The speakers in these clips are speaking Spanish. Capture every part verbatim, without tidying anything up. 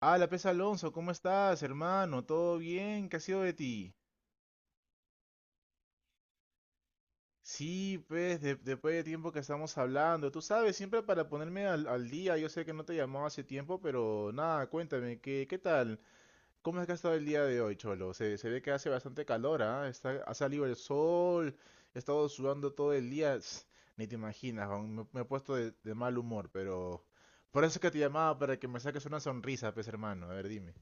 Ah, la pez Alonso, ¿cómo estás, hermano? ¿Todo bien? ¿Qué ha sido de ti? Sí, pues, de- después de tiempo que estamos hablando. Tú sabes, siempre para ponerme al, al día, yo sé que no te llamaba hace tiempo, pero nada, cuéntame, ¿qué, qué tal? ¿Cómo es que ha estado el día de hoy, Cholo? Se, se ve que hace bastante calor, ¿ah? Está, ha salido el sol, he estado sudando todo el día. Ts, ni te imaginas, aún me, me he puesto de, de mal humor, pero... Por eso es que te llamaba, para que me saques una sonrisa, pues, hermano. A ver, dime.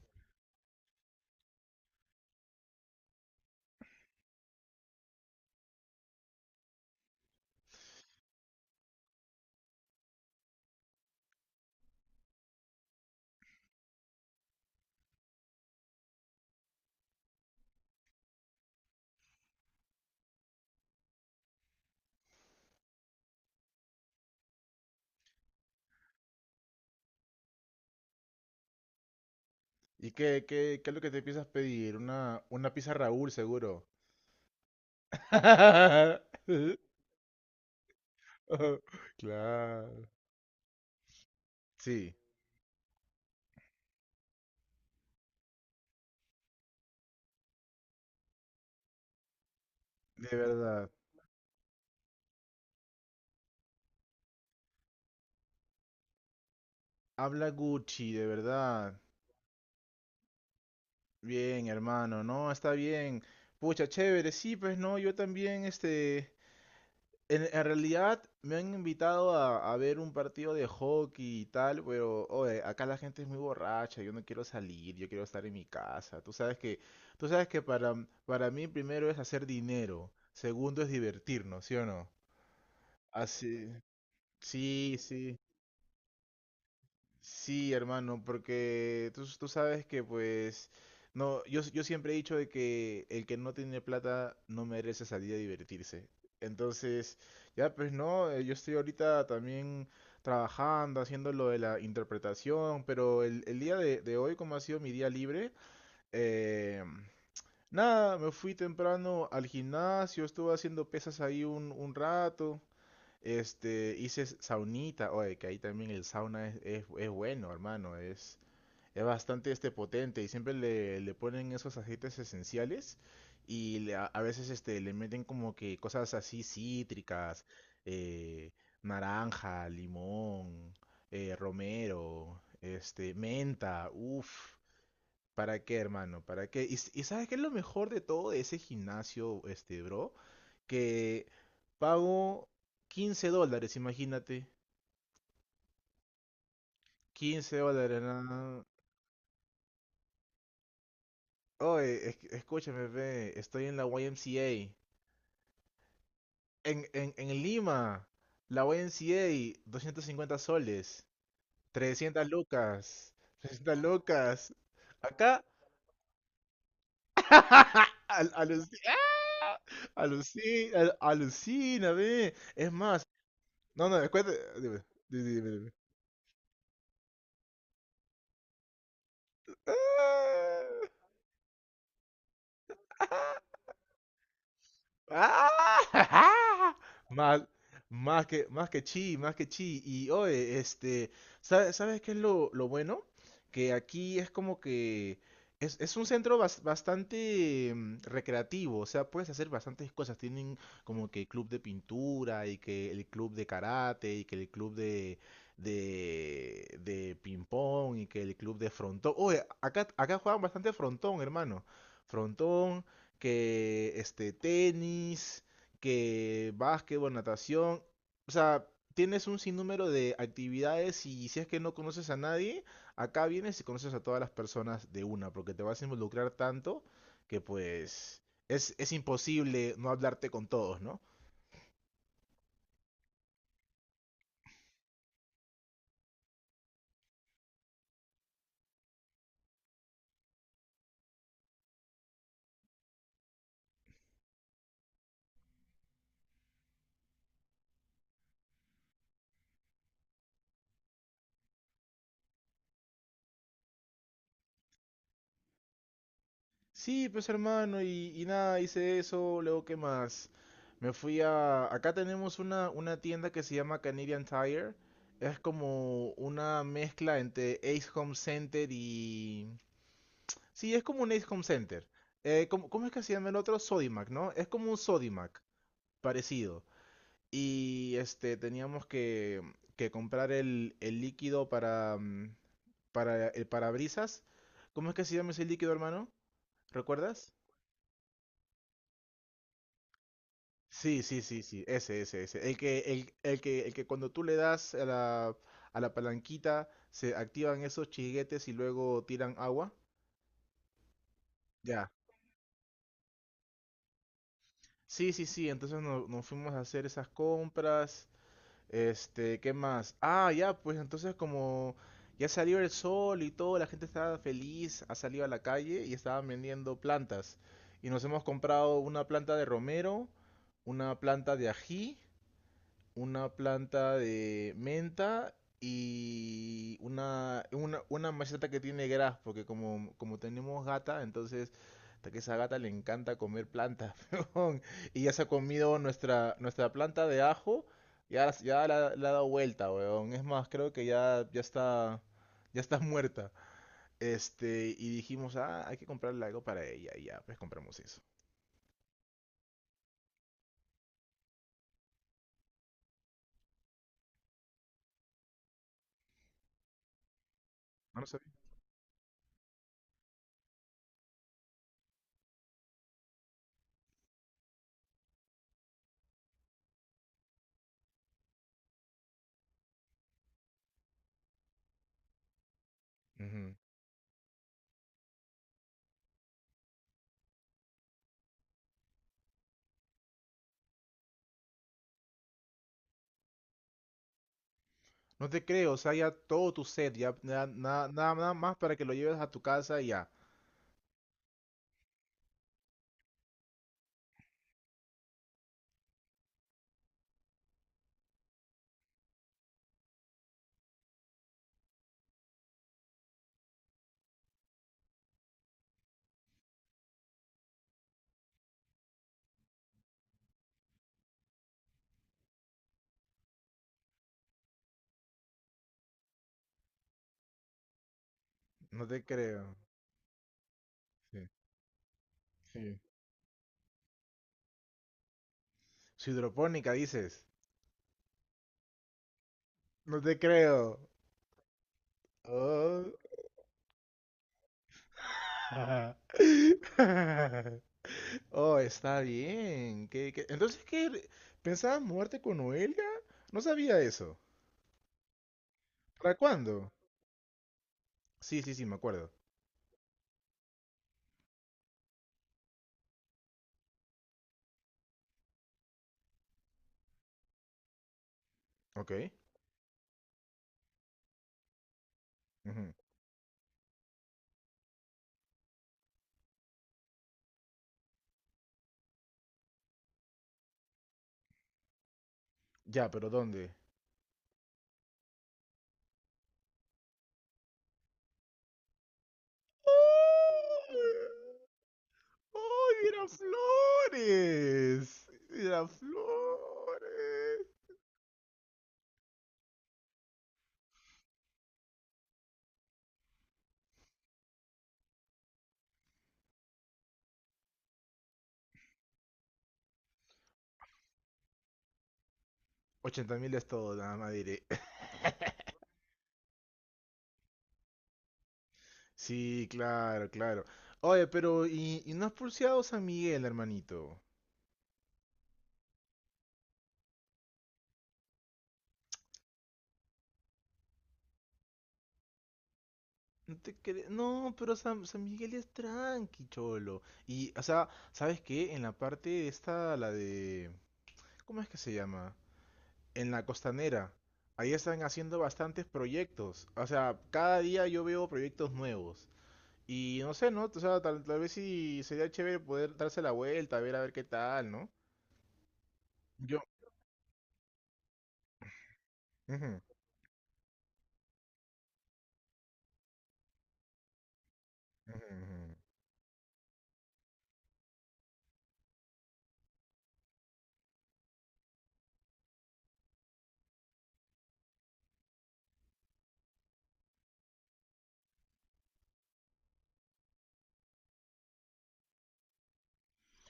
¿Y qué, qué, qué es lo que te piensas pedir? Una, una pizza Raúl, seguro. Oh, claro. Sí, de verdad. Habla Gucci, de verdad. Bien, hermano, no, está bien. Pucha, chévere, sí, pues no, yo también, este, En, en realidad me han invitado a, a ver un partido de hockey y tal, pero oye, acá la gente es muy borracha, yo no quiero salir, yo quiero estar en mi casa. Tú sabes que, tú sabes que para, para mí primero es hacer dinero, segundo es divertirnos, ¿sí o no? Así, sí, sí. Sí, hermano, porque tú, tú sabes que pues no, yo, yo siempre he dicho de que el que no tiene plata no merece salir a divertirse. Entonces, ya pues no, eh, yo estoy ahorita también trabajando, haciendo lo de la interpretación, pero el, el día de, de hoy, como ha sido mi día libre, eh, nada, me fui temprano al gimnasio, estuve haciendo pesas ahí un, un rato. Este, hice saunita, oye, que ahí también el sauna es, es, es bueno, hermano, es, es bastante este potente y siempre le, le ponen esos aceites esenciales y le- a, a veces este, le meten como que cosas así cítricas, eh, naranja, limón, eh, romero, este, menta, uff. ¿Para qué, hermano? ¿Para qué? Y, s- y ¿sabes qué es lo mejor de todo de ese gimnasio, este, bro? Que pago quince dólares, imagínate. Quince dólares, nada. Oye, es- escúchame, ve, estoy en la Y M C A. En, en, en Lima, la Y M C A, cincuenta soles. Trescientas lucas. Trescientas lucas. Acá, al- aluci- ¡ah! aluci- al- alucina, ve. Es más, no, no, cuéntame. Dime, dime, dime, dime. Ah, ah. ¡Ah! Más, más que, más que chi, más que chi. Y oye, este, ¿sabe- sabes qué es lo, lo bueno? Que aquí es como que es, es un centro bas- bastante mm, recreativo, o sea, puedes hacer bastantes cosas. Tienen como que club de pintura y que el club de karate y que el club de, de, de ping-pong y que el club de frontón. Oye, acá, acá juegan bastante frontón, hermano. Frontón que este, tenis, que básquetbol, natación. O sea, tienes un sinnúmero de actividades y si es que no conoces a nadie, acá vienes y conoces a todas las personas de una, porque te vas a involucrar tanto que pues es, es imposible no hablarte con todos, ¿no? Sí, pues hermano, y, y nada, hice eso, luego qué más. Me fui a... Acá tenemos una, una tienda que se llama Canadian Tire. Es como una mezcla entre Ace Home Center y... Sí, es como un Ace Home Center. Eh, ¿cómo, cómo es que se llama el otro? Sodimac, ¿no? Es como un Sodimac, parecido. Y este, teníamos que, que comprar el, el líquido para, mm, para el parabrisas. ¿Cómo es que se llama ese líquido, hermano? ¿Recuerdas? Sí, sí, sí, sí, ese, ese, ese. El que, el, el que, el que cuando tú le das a la, a la palanquita se activan esos chiguetes y luego tiran agua. Ya. Sí, sí, sí, entonces no- nos fuimos a hacer esas compras. Este, ¿qué más? Ah, ya, pues entonces como ya salió el sol y todo, la gente estaba feliz, ha salido a la calle y estaban vendiendo plantas. Y nos hemos comprado una planta de romero, una planta de ají, una planta de menta y una, una, una maceta que tiene gras, porque como, como tenemos gata, entonces hasta que esa gata le encanta comer plantas, weón. Y ya se ha comido nuestra, nuestra planta de ajo, ya, ya la, la ha dado vuelta, weón. Es más, creo que ya, ya está, ya está muerta. Este, y dijimos, ah, hay que comprarle algo para ella, y ya, pues compramos eso. No lo sabía. No te creo, o sea, ya todo tu set, ya na- na- nada, nada más para que lo lleves a tu casa y ya. No te creo. Sí, sí. Su hidropónica, dices. No te creo. Oh, oh, está bien. ¿Qué- qué? Entonces, ¿qué? ¿Pensabas mudarte con Noelia? No sabía eso. ¿Para cuándo? Sí, sí, sí, me acuerdo. Ok. Ujú. Ya, pero ¿dónde? ¡Oh, Miraflores! Miraflores. Ochenta mil es todo, nada más diré. Sí, claro, claro. Oye, pero ¿y, y no has pulseado San Miguel, hermanito? No te cre- No, pero San, San Miguel es tranqui, cholo. Y, o sea, ¿sabes qué? En la parte esta, la de... ¿Cómo es que se llama? En la costanera. Ahí están haciendo bastantes proyectos. O sea, cada día yo veo proyectos nuevos. Y no sé, ¿no? O sea, tal, tal vez sí sería chévere poder darse la vuelta, ver a ver qué tal, ¿no? Yo. Ujú, ujú, ujú.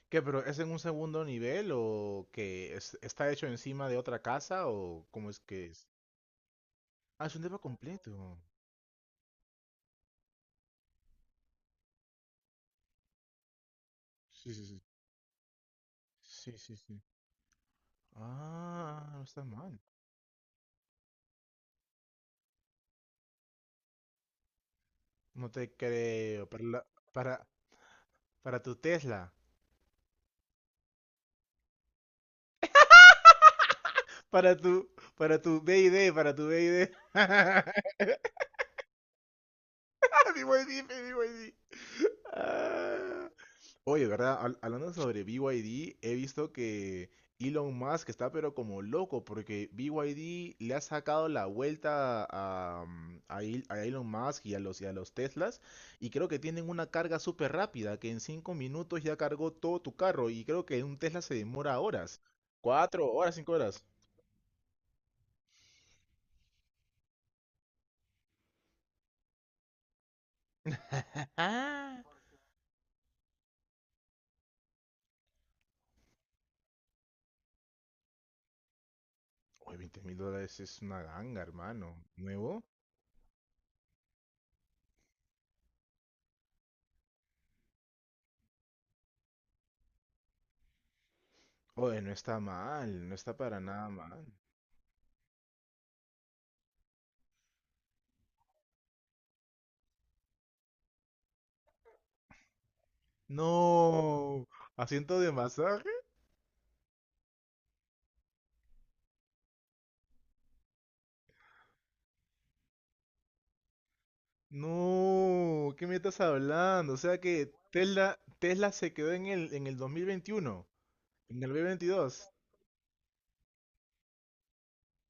¿Qué, pero es en un segundo nivel o que es- está hecho encima de otra casa o cómo es que es? Ah, es un depa completo. Sí, sí, sí. Sí, sí, sí. Ah, no está mal. No te creo. Para la- para, para tu Tesla. Para tu, para tu B y D, para tu B I D. Mi buen jefe, mi buen jefe. Ah. Oye, ¿verdad? Hab- Hablando sobre B Y D, he visto que Elon Musk está pero como loco porque B Y D le ha sacado la vuelta a, mm, a Il- a Elon Musk y a los, y a los Teslas y creo que tienen una carga súper rápida que en cinco minutos ya cargó todo tu carro y creo que un Tesla se demora horas. Cuatro horas, cinco horas. Ah, oye, veinte mil dólares es una ganga, hermano. ¿Nuevo? Oye, no está mal, no está para nada mal. No, asiento de masaje. No, ¿qué me estás hablando? O sea que Tesla, Tesla se quedó en el, en el dos mil veintiuno, en el dos mil veintidós.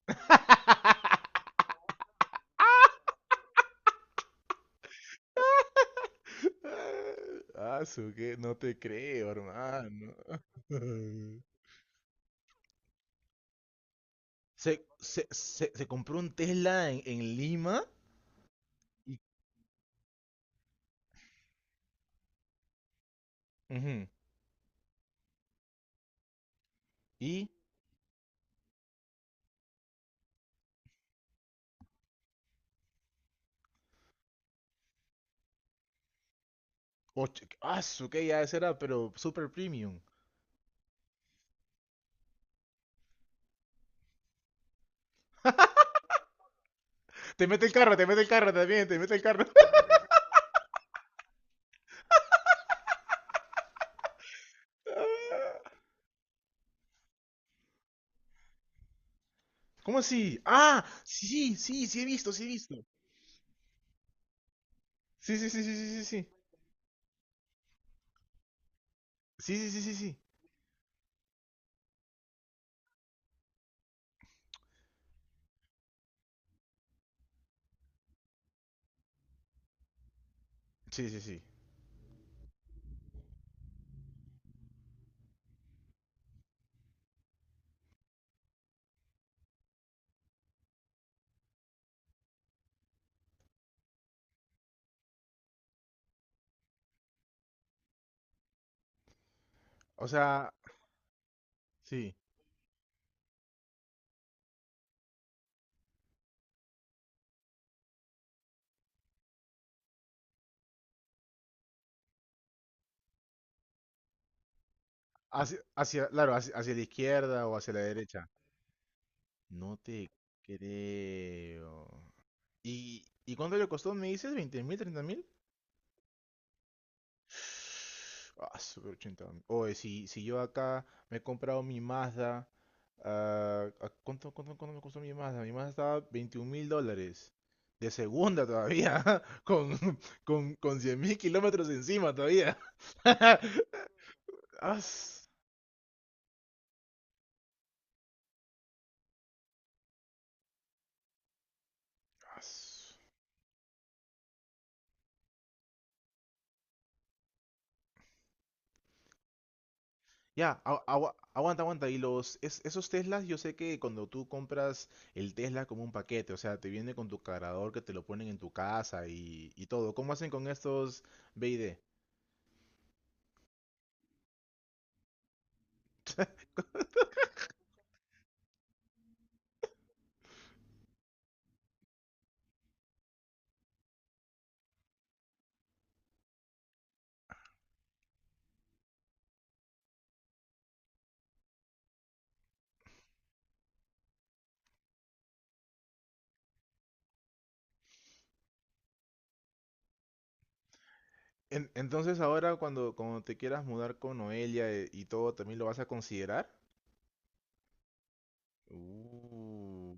Ah, su que no te creo, hermano. Se, se, se, se compró un Tesla en, en Lima y, ujú, y ocho- ah, su que ya ese era, pero super premium. Te mete el carro, te mete el carro también, te mete el carro. ¿Cómo así? Ah, sí, sí, sí he visto, sí he visto. Sí, sí, sí, sí, sí, sí, sí. Sí, sí, sí, sí, sí. Sí, sí, sí. O sea, sí. Hacia, hacia, claro, hacia, hacia la izquierda o hacia la derecha. No te creo. ¿Y, y cuánto le costó? ¿Me dices? ¿Veinte mil, treinta mil? Ah, super ochenta. Oye, si, si yo acá me he comprado mi Mazda. ah, ¿a ¿cuánto, cuánto, cuánto me costó mi Mazda? Mi Mazda estaba veintiún mil dólares. De segunda todavía. Con, con, con cien mil kilómetros encima todavía. As- as. Ya, agu- agu- aguanta, aguanta. Y los, es- esos Teslas, yo sé que cuando tú compras el Tesla como un paquete, o sea, te viene con tu cargador que te lo ponen en tu casa y, y todo. ¿Cómo hacen con estos B I D? En- entonces ahora cuando, cuando te quieras mudar con Noelia eh, y todo, ¿también lo vas a considerar? Uh,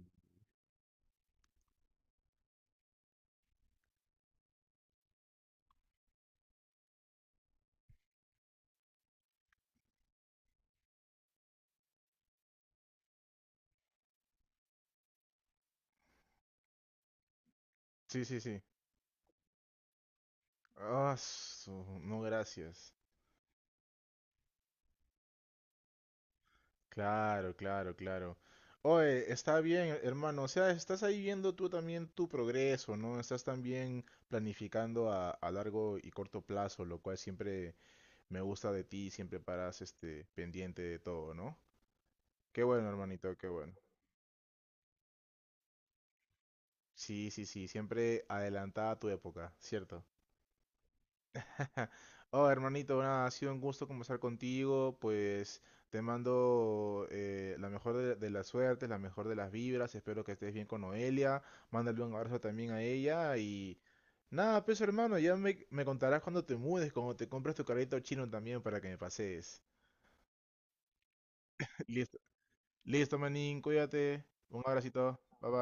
sí, sí, sí. Ah, su- no, gracias. Claro, claro, claro. Oye, está bien, hermano. O sea, estás ahí viendo tú también tu progreso, ¿no? Estás también planificando a, a largo y corto plazo, lo cual siempre me gusta de ti, siempre paras este pendiente de todo, ¿no? Qué bueno, hermanito, qué bueno. Sí, sí, sí, siempre adelantada a tu época, ¿cierto? Ja. Oh, hermanito, nada, ha sido un gusto conversar contigo. Pues te mando eh, la mejor de, de las suertes, la mejor de las vibras. Espero que estés bien con Noelia. Mándale un abrazo también a ella. Y nada, pues hermano, ya me, me contarás cuando te mudes, cuando te compres tu carrito chino también para que me pases. Listo, listo, manín, cuídate. Un abracito, bye bye.